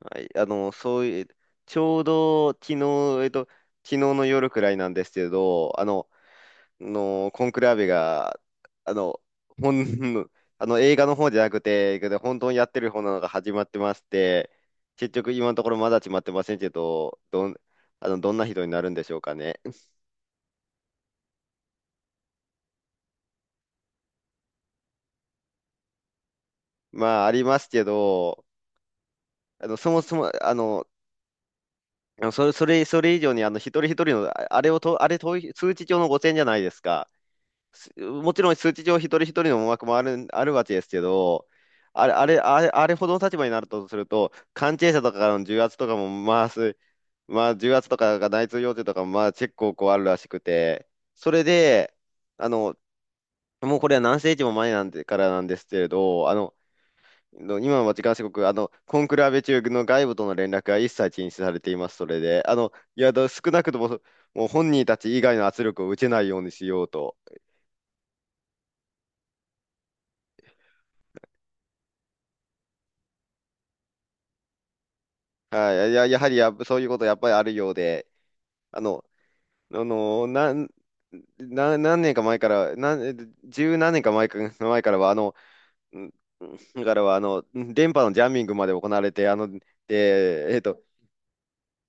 はい、そういう、ちょうど昨日、えっと、昨日の夜くらいなんですけど、あの、のコンクラーベが、あの、ほん、あの映画の方じゃなくて、けど本当にやってる方なのが始まってまして、結局今のところまだ決まってませんけど、どんな人になるんでしょうかね。まあ、ありますけど、そもそも、それ以上に、一人一人の、ああれをと、あれ、統一通知帳の5,000じゃないですか。もちろん数値上一人一人の思惑もあるわけですけど、あれ、あれ、あれ、あれほどの立場になるとすると、関係者とかからの重圧とかも、まあ、まあ、重圧とかが内通要請とかも、まあ、結構こうあるらしくて、それで、あの、もうこれは何世紀も前なんで、からなんですけれど、今は時間すごく、コンクラベ中の外部との連絡が一切禁止されています、それで。いや、少なくとも、もう本人たち以外の圧力を受けないようにしようと。はい、いや、やはりやっぱ、そういうことやっぱりあるようで、あの、あの、なん、な、何年か前から、十何年か前か、前からは、んからは、電波のジャミングまで行われて、あの、で、えっと、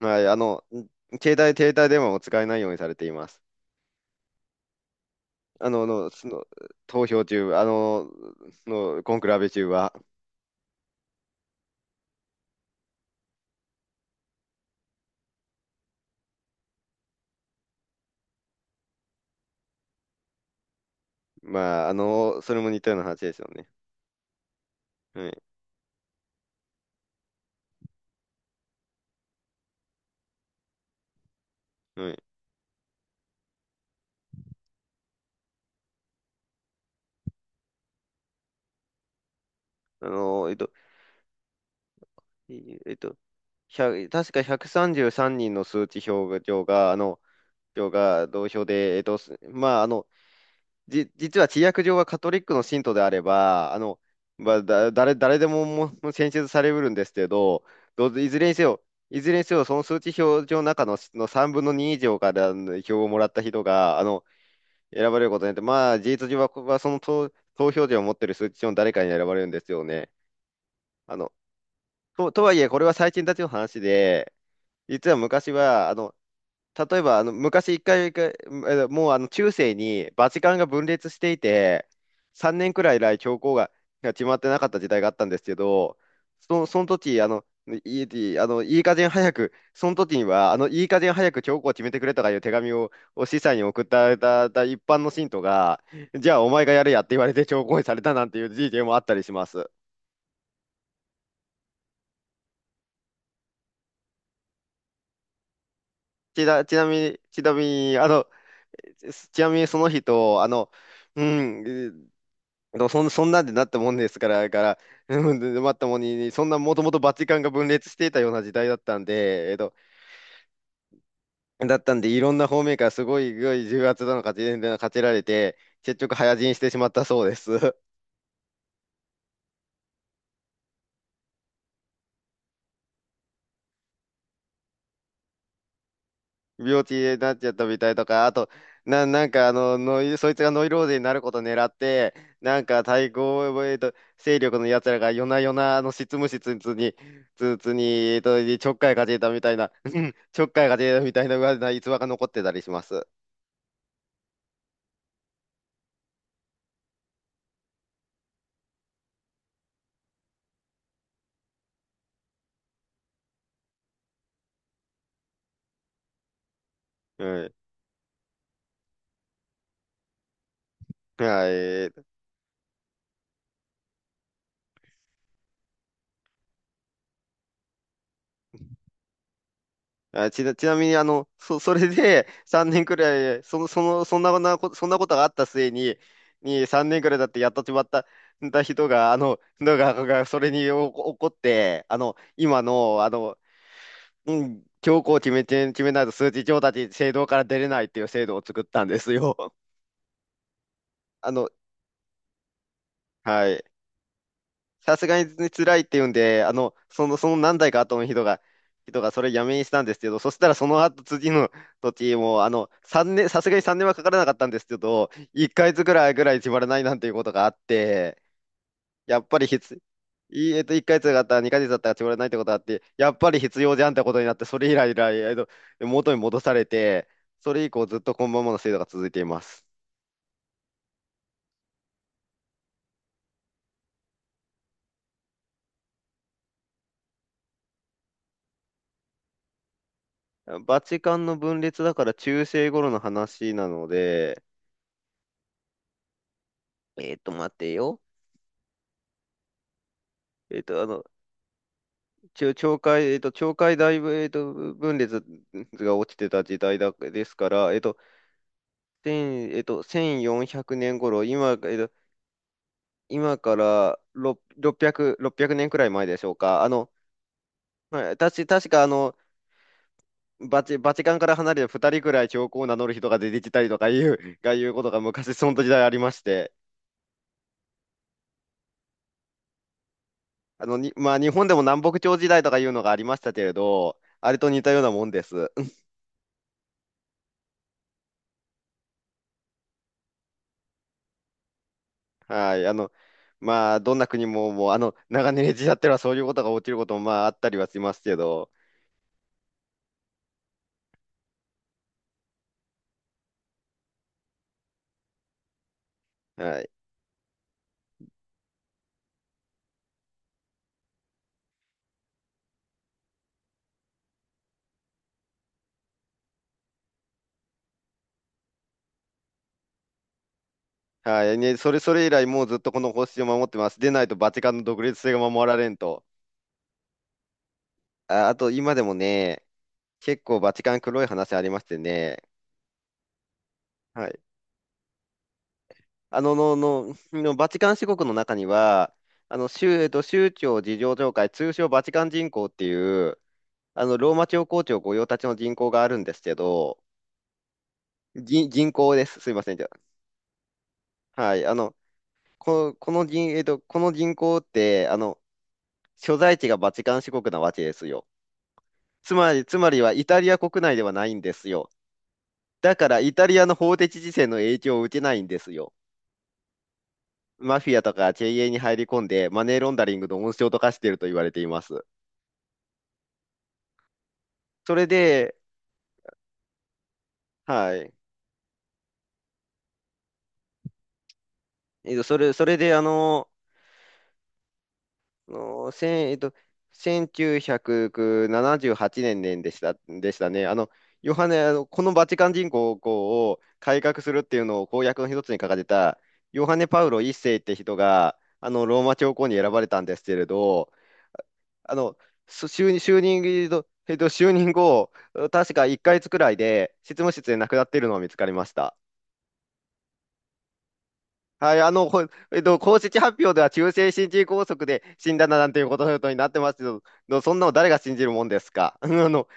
はい、携帯電話を使えないようにされています。あの、の、その、投票中、コンクラベ中は、まあ、それも似たような話ですよね。はい、はい。あの、えっと、えっと、1確か133人の数値表上が、表が同票で、まあ、実は治薬上はカトリックの信徒であれば、まあ、誰でも、選出されうるんですけど、いずれにせよ、その数値表上の中の、3分の2以上から票をもらった人が、選ばれることによって、まあ、事実上は、ここはその投票権を持っている数値上の誰かに選ばれるんですよね。あのと、はいえ、これは最近たちの話で、実は昔は、例えば、あの、昔一回、一回もう、中世にバチカンが分裂していて、3年くらい以来教皇が、決まってなかった時代があったんですけど、その時、あの、いい、あの、いい加減早く、その時には、あの、いい加減早く教皇を決めてくれとかいう手紙を、司祭に送った一般の信徒が、じゃあお前がやれやって言われて教皇にされたなんていう事件もあったりします。ちなみに、ちなみに、あの、ちなみにその人、あの、うん、えーそん、そんなんでなったもんですから、から、うん、でまったもんに、そんなもともとバチカンが分裂していたような時代だったんで、だったんで、いろんな方面からすごい重圧なのか、勝ちられて、結局、早死にしてしまったそうです。病気になっちゃったみたいとか、あと、なんかそいつがノイローゼになることを狙って、なんか対抗、勢力のやつらが夜な夜なあの執務室に、つつに、えっと、ちょっかいかけたみたいな、うんちょっかいかけたみたいな、うわな逸話が残ってたりします。うん。はい。あ、ちなみに、あの、そ、それで3年くらい、そんなことがあった末に、3年くらいだってやっとしまった、人が、あの、のが、がそれにお怒って、あの、今の、あの、うん、強行を決めて、決めないと数値上達制度から出れないっていう制度を作ったんですよ。あの、はい。さすがに辛いって言うんで、その何代か後の人がそれやめにしたんですけど、そしたらその後次の時も、さすがに3年はかからなかったんですけど、1ヶ月ぐらい決まらないなんていうことがあって、やっぱり必、いえっと、1ヶ月だったら2ヶ月だったら決まらないってことがあって、やっぱり必要じゃんってことになって、それ以来以来、元に戻されて、それ以降ずっとこのままの制度が続いています。バチカンの分裂だから中世頃の話なので、えっと、待てよ。えっと、あの、懲戒、懲戒大分、分裂が落ちてた時代だ、ですから、えっと、千、えっと、1400年頃、今、今から600、6 0年ねんくらい前でしょうか。まあ確か、バチカンから離れて2人くらい教皇を名乗る人が出てきたりとかいう、いうことが昔、その時代ありまして、まあ、日本でも南北朝時代とかいうのがありましたけれど、あれと似たようなもんです。はい。まあ、どんな国も、もう、長年ジじ合ってはそういうことが起きることも、まあ、あったりはしますけど、はい。はい。ね、それ以来、もうずっとこの方針を守ってます。でないと、バチカンの独立性が守られんと。あ、あと、今でもね、結構バチカン黒い話ありましてね、はい。あの、の、の、のバチカン四国の中には、あの、宗、えっと、宗教事情協会、通称バチカン人口っていう、ローマ教皇庁御用達の人口があるんですけど、人口です。すいません。はい、この銀、えっと、この銀行って、所在地がバチカン市国なわけですよ。つまりはイタリア国内ではないんですよ。だから、イタリアの法的事線の影響を受けないんですよ。マフィアとか経営に入り込んで、マネーロンダリングの温床と化していると言われています。それで、はい。それで、あの、あの、千、えっと、1978年でしたね。あの、ヨハネ、あの、このバチカン人口を改革するっていうのを公約の一つに掲げた、ヨハネ・パウロ一世って人が、ローマ教皇に選ばれたんですけれど、あの、就任、就任後、確か1ヶ月くらいで執務室で亡くなっているのが見つかりました。はい、公式発表では急性心筋梗塞で死んだなんていうことになってますけど、そんなの誰が信じるもんですか。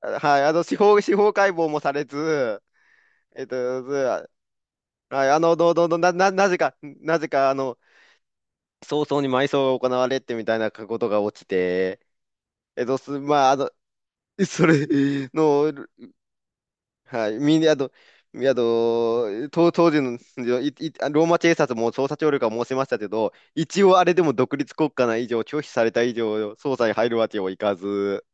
はい、司法解剖もされず、えっと、ずはい、あの、ど、ど、ど、な、な、なぜか、早々に埋葬が行われてみたいなことが起きて、えっと、す、まあ、あの、それの、はい。みんな、あと、当時のローマ警察も捜査協力は申しましたけど、一応あれでも独立国家な以上、拒否された以上、捜査に入るわけにはいかず、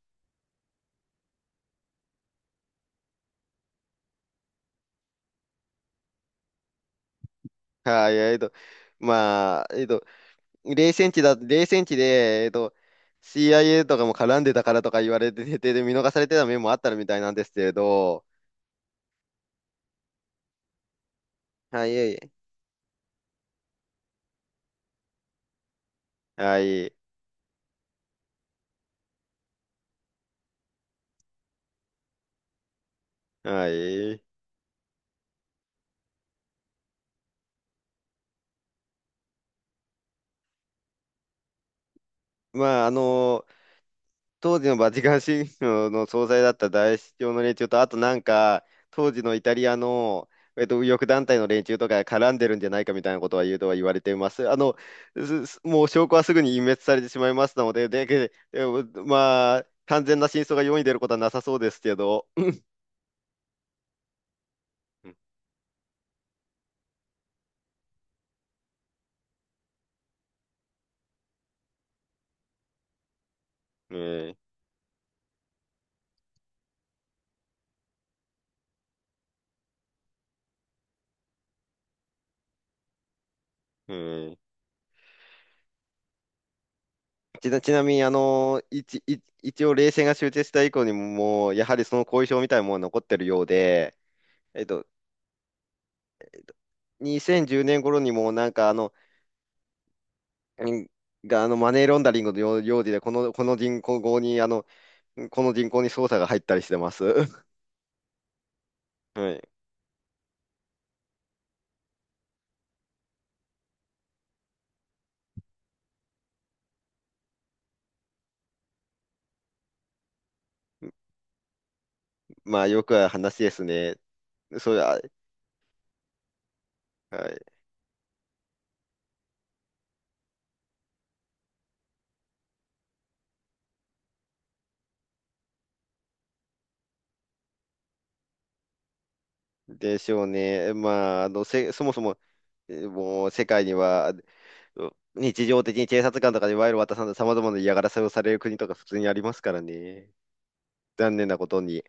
はい、まあ、えっと、冷戦地で、CIA とかも絡んでたからとか言われてて、で、見逃されてた面もあったみたいなんですけれど、はい、はい、はい。まあ、当時のバチカン市場の総裁だった大司教の連中と、あとなんか、当時のイタリアの、右翼団体の連中とかが絡んでるんじゃないかみたいなことは言われています。もう証拠はすぐに隠滅されてしまいますので、で、でえまあ、完全な真相が世に出ることはなさそうですけど。うんええうんちなみに、一応、冷戦が終結した以降にも、もうやはりその後遺症みたいなものは残ってるようで、えっと、2010年頃にも、なんか、あの、うんが、あの、マネーロンダリングの用事で、この人口に、捜査が入ったりしてます。はい。まあ、よくある話ですね。それは、はい。でしょうね。まあ、そもそも、もう、世界には、う日常的に警察官とかに賄賂を渡さんと様々な嫌がらせをされる国とか普通にありますからね。残念なことに。